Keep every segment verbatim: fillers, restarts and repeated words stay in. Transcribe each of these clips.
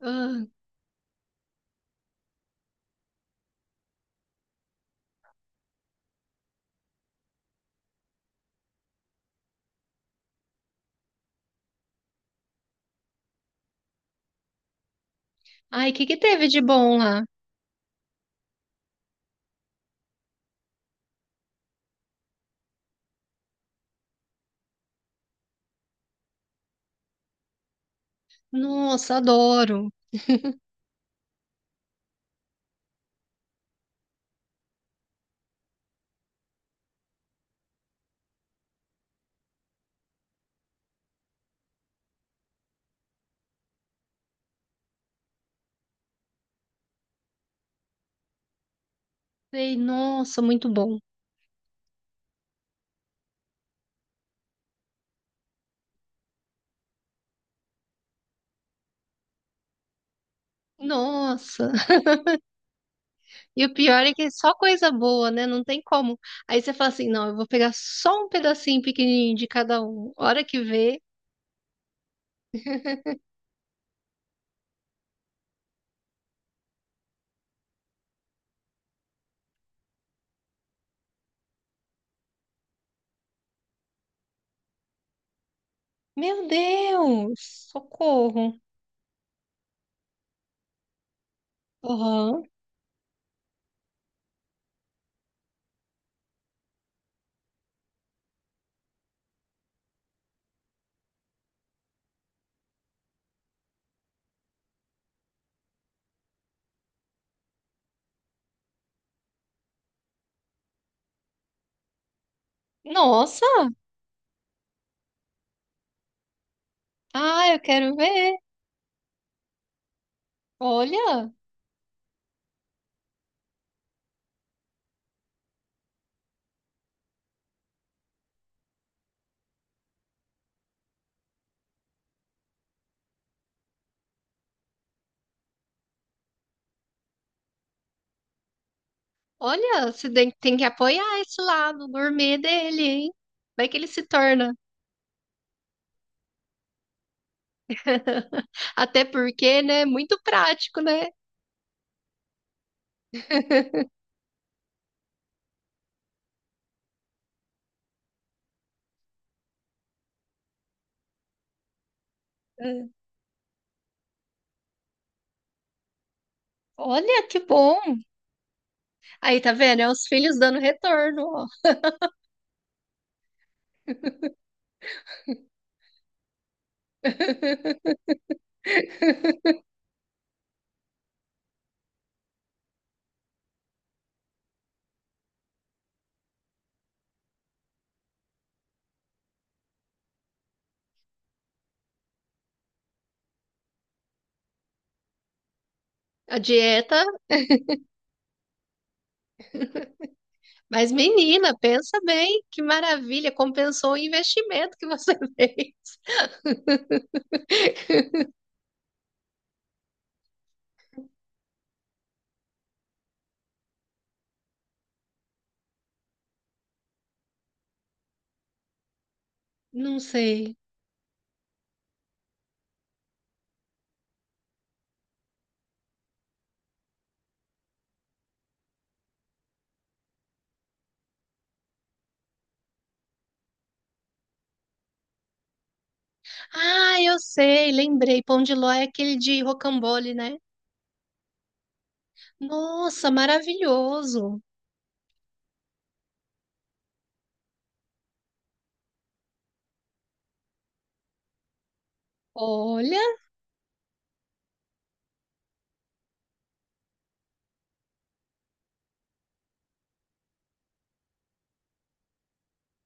Ah, ai, o que que teve de bom lá? Nossa, adoro. Ei, nossa, muito bom. Nossa. E o pior é que é só coisa boa, né? Não tem como. Aí você fala assim, não, eu vou pegar só um pedacinho pequenininho de cada um. Hora que vê, meu Deus, socorro. Aham. Nossa. Ah, eu quero ver. Olha, olha, você tem tem que apoiar esse lado gourmet dele, hein? Vai que ele se torna. Até porque, né? Muito prático, né? É. Olha que bom! Aí tá vendo? É os filhos dando retorno, ó. A dieta, mas menina, pensa bem, que maravilha, compensou o investimento que você fez. Não sei. Ah, eu sei, lembrei. Pão de ló é aquele de rocambole, né? Nossa, maravilhoso. Olha,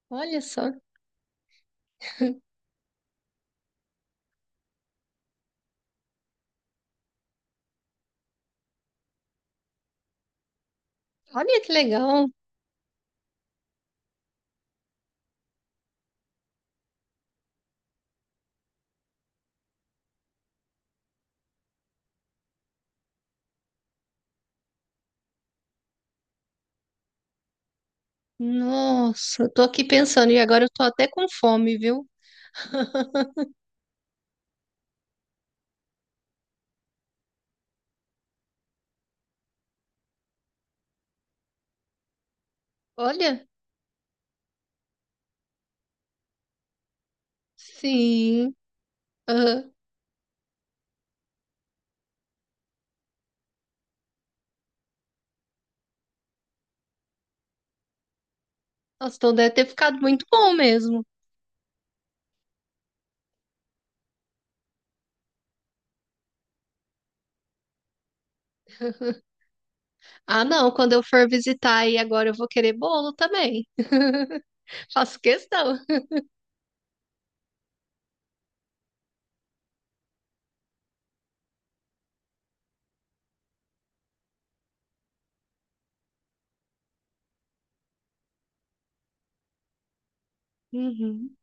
olha só. Olha que legal. Nossa, eu tô aqui pensando e agora eu tô até com fome, viu? Olha, sim. Aham. Nossa, então deve ter ficado muito bom mesmo. Ah, não, quando eu for visitar aí agora eu vou querer bolo também. Faço questão. Uhum.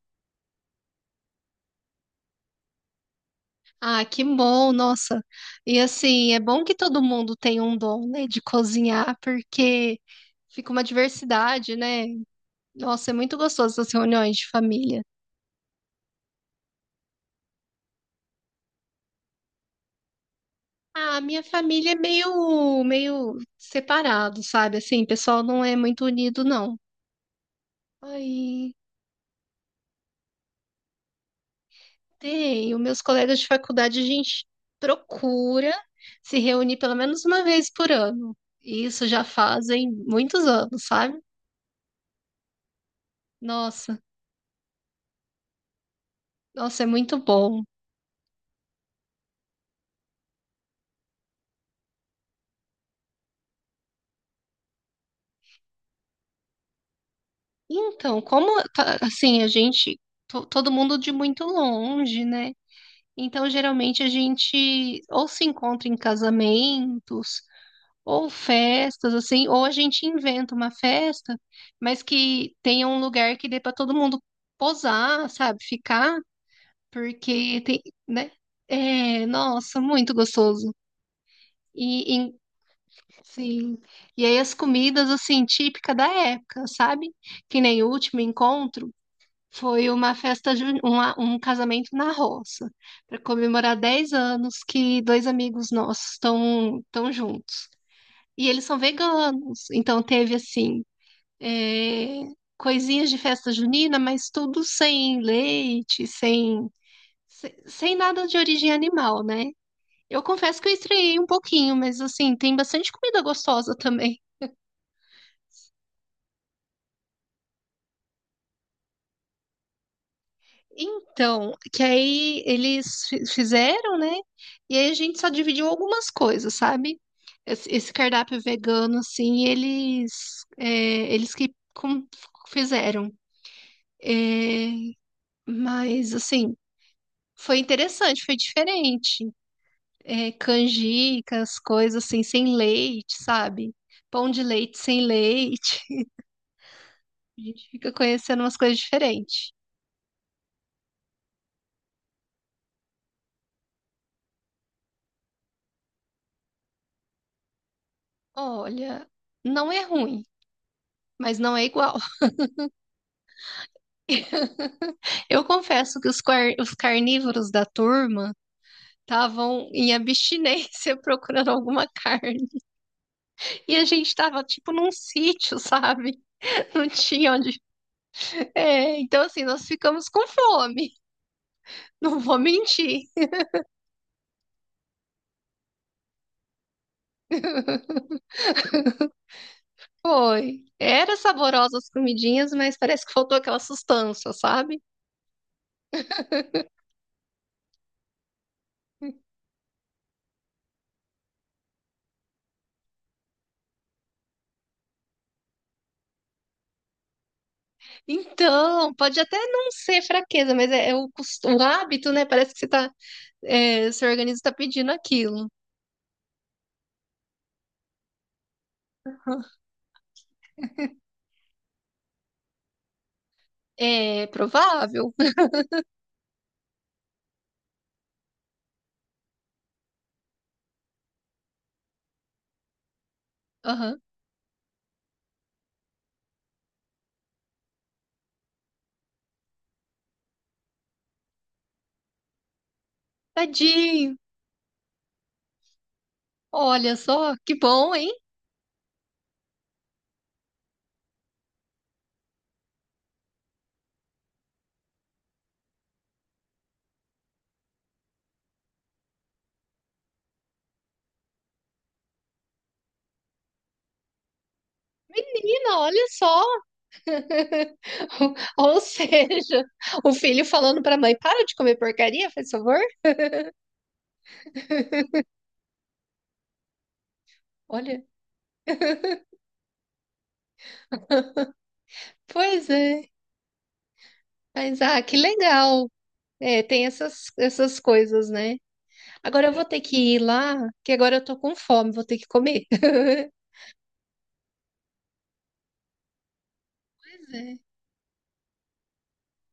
Ah, que bom, nossa. E assim, é bom que todo mundo tem um dom, né, de cozinhar, porque fica uma diversidade, né? Nossa, é muito gostoso essas reuniões de família. Ah, minha família é meio, meio separado, sabe? Assim, o pessoal não é muito unido, não. Aí. Tem, os meus colegas de faculdade, a gente procura se reunir pelo menos uma vez por ano. E isso já fazem muitos anos, sabe? Nossa, nossa, é muito bom. Então, como tá- assim, a gente, to- todo mundo de muito longe, né? Então, geralmente a gente ou se encontra em casamentos, ou festas, assim, ou a gente inventa uma festa, mas que tenha um lugar que dê para todo mundo posar, sabe? Ficar. Porque tem, né? É, nossa, muito gostoso. E, e- sim. E aí as comidas assim típica da época, sabe? Que nem o último encontro foi uma festa ju- uma- um casamento na roça, para comemorar dez anos que dois amigos nossos estão estão juntos. E eles são veganos, então teve assim, é, coisinhas de festa junina, mas tudo sem leite, sem se- sem nada de origem animal, né? Eu confesso que eu estranhei um pouquinho, mas assim, tem bastante comida gostosa também. Então, que aí eles fi- fizeram, né? E aí a gente só dividiu algumas coisas, sabe? Esse esse cardápio vegano, assim, eles, é, eles que com- fizeram. É, mas, assim, foi interessante, foi diferente. É, canjicas, coisas assim, sem leite, sabe? Pão de leite sem leite. A gente fica conhecendo umas coisas diferentes. Olha, não é ruim, mas não é igual. Eu confesso que os, car- os carnívoros da turma estavam em abstinência procurando alguma carne. E a gente estava tipo num sítio, sabe? Não tinha onde. É, então, assim, nós ficamos com fome. Não vou mentir. Foi. Era saborosa as comidinhas, mas parece que faltou aquela sustância, sabe? Então, pode até não ser fraqueza, mas é, é o, cos- o hábito, né? Parece que você tá. É, seu organismo está pedindo aquilo. É provável. Aham. Tadinho. Olha só, que bom, hein? Menina, olha só. Ou seja, o filho falando para a mãe: para de comer porcaria, faz favor. Olha, pois é. Mas, ah, que legal. É, tem essas, essas coisas, né? Agora eu vou ter que ir lá, que agora eu tô com fome, vou ter que comer. Pois é.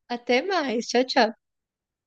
Até mais. Tchau, tchau.